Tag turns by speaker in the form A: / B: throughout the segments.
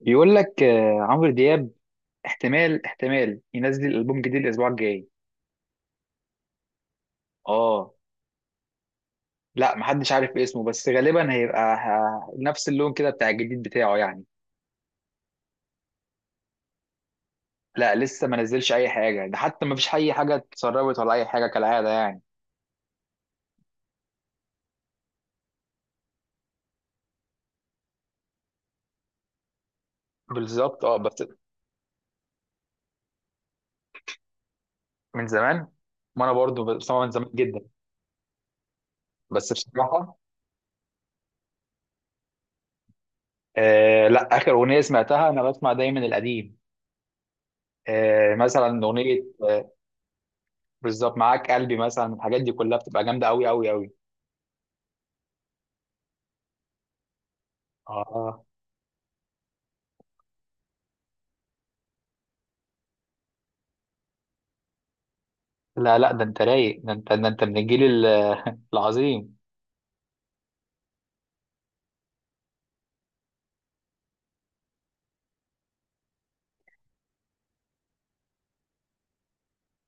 A: بيقول لك آه، عمرو دياب احتمال ينزل البوم جديد الاسبوع الجاي. اه، لا محدش عارف اسمه، بس غالبا هيبقى نفس اللون كده بتاع الجديد بتاعه يعني. لا لسه ما نزلش اي حاجه، ده حتى ما فيش اي حاجه اتسربت ولا اي حاجه كالعاده يعني. بالظبط اه. بس من زمان، ما انا برضو بسمع من زمان جدا. بس بصراحه، آه لا، اخر اغنيه سمعتها، انا بسمع دايما القديم. آه مثلا اغنيه بالظبط معاك قلبي، مثلا الحاجات دي كلها بتبقى جامده قوي قوي قوي. اه. لا لا، ده انت رايق، ده انت، ده انت من الجيل العظيم.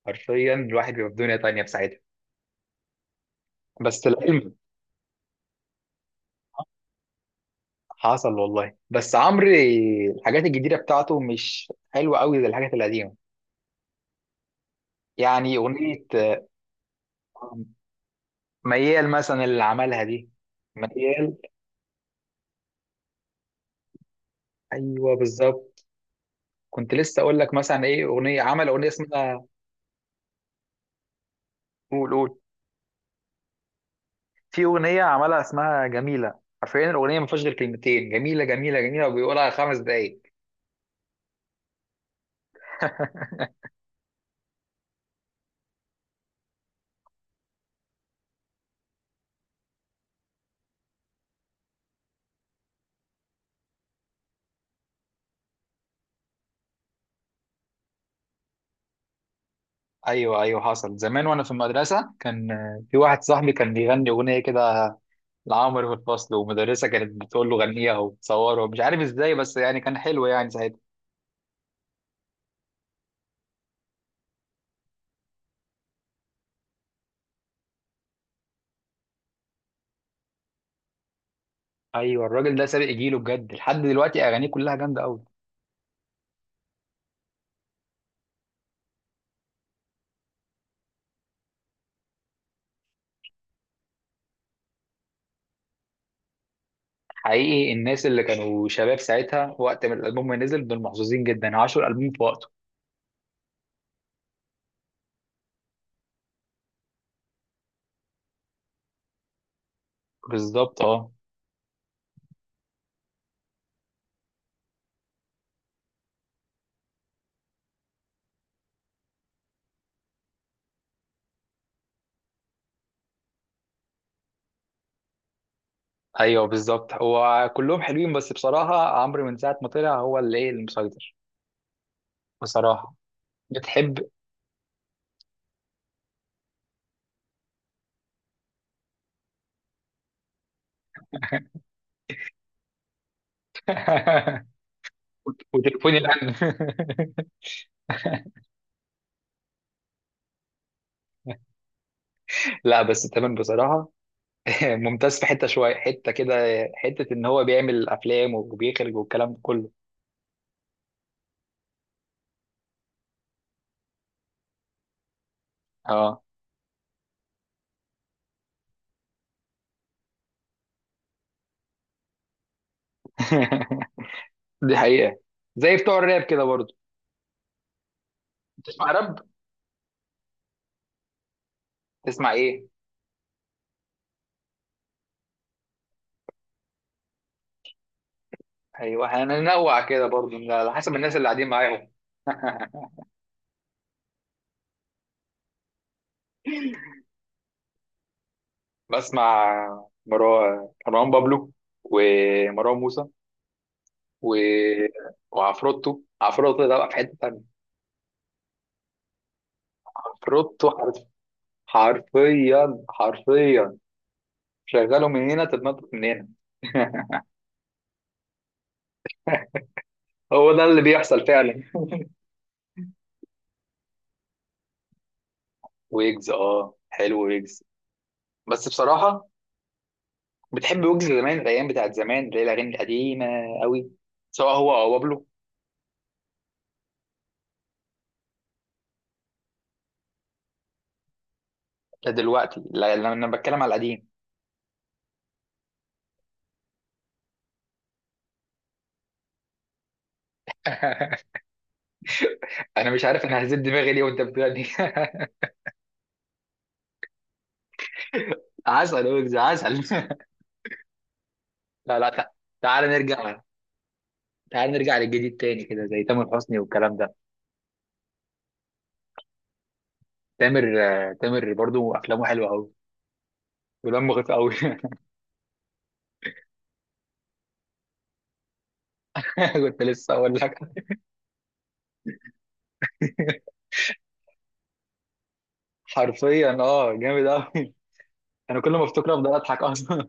A: حرفيا الواحد بيبقى في دنيا تانية في ساعتها. بس العلم حصل والله. بس عمرو الحاجات الجديدة بتاعته مش حلوة قوي زي الحاجات القديمة. يعني أغنية آه، ميال مثلا اللي عملها دي. ميال. أيوه بالظبط. كنت لسه أقول لك مثلا إيه، أغنية عمل أغنية اسمها. قول قول. في أغنية عملها اسمها جميلة. حرفيا الأغنية ما فيهاش غير كلمتين، جميلة جميلة جميلة، وبيقولها خمس دقايق. ايوه ايوه. حصل زمان وانا في المدرسه، كان في واحد صاحبي كان بيغني اغنيه كده لعمرو في الفصل، ومدرسه كانت بتقول له غنيها وتصوره، مش عارف ازاي، بس يعني كان حلو يعني ساعتها. ايوه، الراجل ده سابق جيله بجد، لحد دلوقتي اغانيه كلها جامده قوي. حقيقي الناس اللي كانوا شباب ساعتها وقت ما الالبوم ما نزل، دول محظوظين جدا، عاشوا الالبوم في وقته. بالظبط اه. ايوه بالظبط، هو كلهم حلوين، بس بصراحه عمرو من ساعه ما طلع هو اللي ايه المسيطر، بصراحه. بتحب. وتليفوني الان. لا بس تمام بصراحه. ممتاز في حته، شويه حته كده، حته ان هو بيعمل افلام وبيخرج والكلام ده كله. اه. دي حقيقه، زي بتوع الراب كده برضه. تسمع راب؟ تسمع ايه؟ ايوه هننوع كده برضه على حسب الناس اللي قاعدين معاهم. بسمع مروان بابلو، ومروان موسى، و... وعفروتو. عفروتو ده بقى في حته تانيه. عفروتو حرفيا حرفيا، شغاله من هنا تتنطط من هنا. هو ده اللي بيحصل فعلا. ويجز، اه حلو ويجز. بس بصراحه بتحب ويجز زمان، الايام بتاعت زمان اللي هي الاغاني القديمه قوي، سواء هو او بابلو. دلوقتي لما انا بتكلم على القديم. انا مش عارف انا هزيد دماغي ليه وانت بتغني. عسل ويجز عسل. لا لا تعال نرجع. تعال نرجع للجديد تاني كده، زي تامر حسني والكلام ده. تامر، آه، تامر برضو افلامه حلوه قوي ودمه خفيف قوي. كنت لسه اقول لك. حرفيا اه جامد قوي. انا كل ما افتكر افضل اضحك اصلا.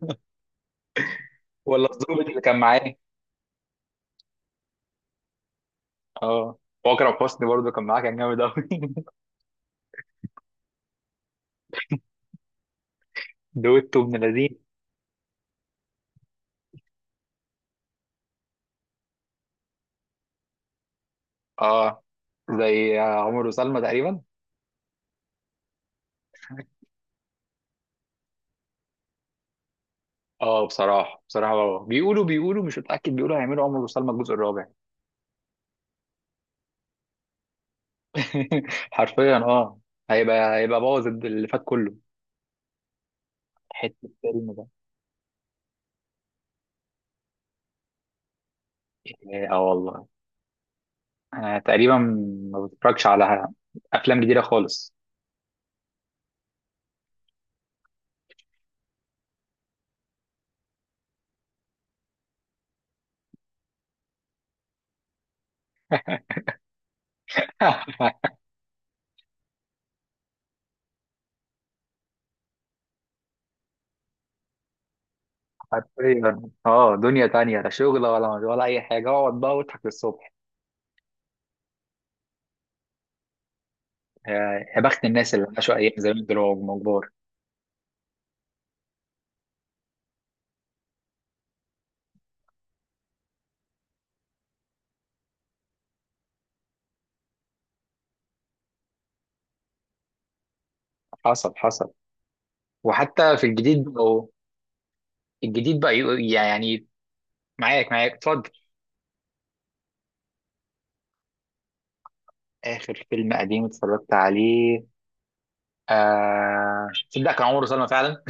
A: ولا الظابط اللي كان معاه. اه. واكرم حسني برضه كان معاه كان جامد قوي. دويتو ابن لذين. اه زي عمر وسلمى تقريبا. اه بصراحه بصراحه، آه، بيقولوا مش متاكد، بيقولوا هيعملوا عمر وسلمى الجزء الرابع. حرفيا اه. هيبقى، هيبقى بوظ اللي فات كله. حته الفيلم ده. اه والله انا تقريبا ما بتفرجش على افلام جديده خالص. حرفيا اه، دنيا تانية، لا شغل ولا اي حاجه، اقعد بقى واضحك للصبح. يا، يا بخت الناس اللي عاشوا ايام زمان دول وهم كبار. حصل حصل. وحتى في الجديد بقوا الجديد بقى يعني معاك معاك اتفضل. اخر فيلم قديم اتفرجت عليه، آه تصدق كان عمره سلمى فعلا.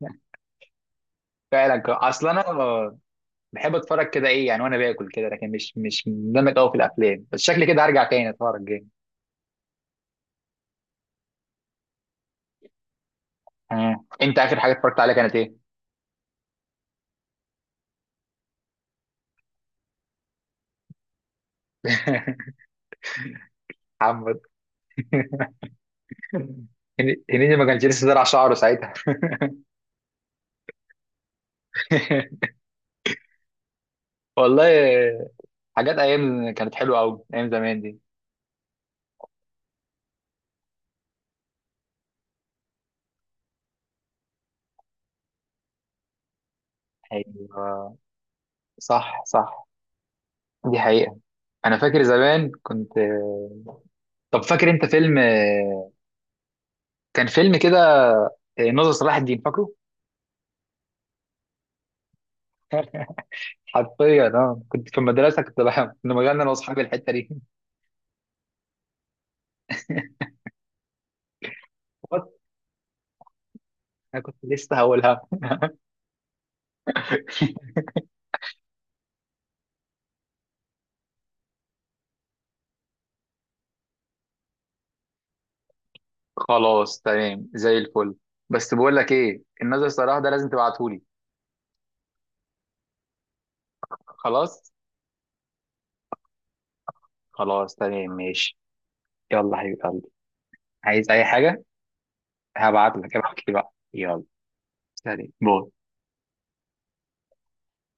A: فعلا اصل انا بحب اتفرج كده ايه يعني وانا باكل كده، لكن مش مندمج قوي في الافلام، بس شكلي كده هرجع تاني اتفرج جامد. آه. انت اخر حاجه اتفرجت عليها كانت ايه؟ محمد هن- هنيدي ما كانش لسه زرع شعره ساعتها. والله حاجات، ايام كانت حلوه قوي ايام زمان دي. ايوه صح صح، دي حقيقه. انا فاكر زمان كنت. طب فاكر انت فيلم، كان فيلم كده، ناظر صلاح الدين، فاكره؟ حرفيا اه، كنت في المدرسه كنت بحب، كنا بغني انا واصحابي الحته دي. وات، انا كنت لسه هقولها. خلاص تمام زي الفل. بس بقول لك ايه، الناظر صلاح ده لازم تبعتهولي. خلاص. خلاص تمام ماشي. يلا حبيبي، عايز اي حاجه هبعت لك، ابعت لي بقى يلا. سلام باي.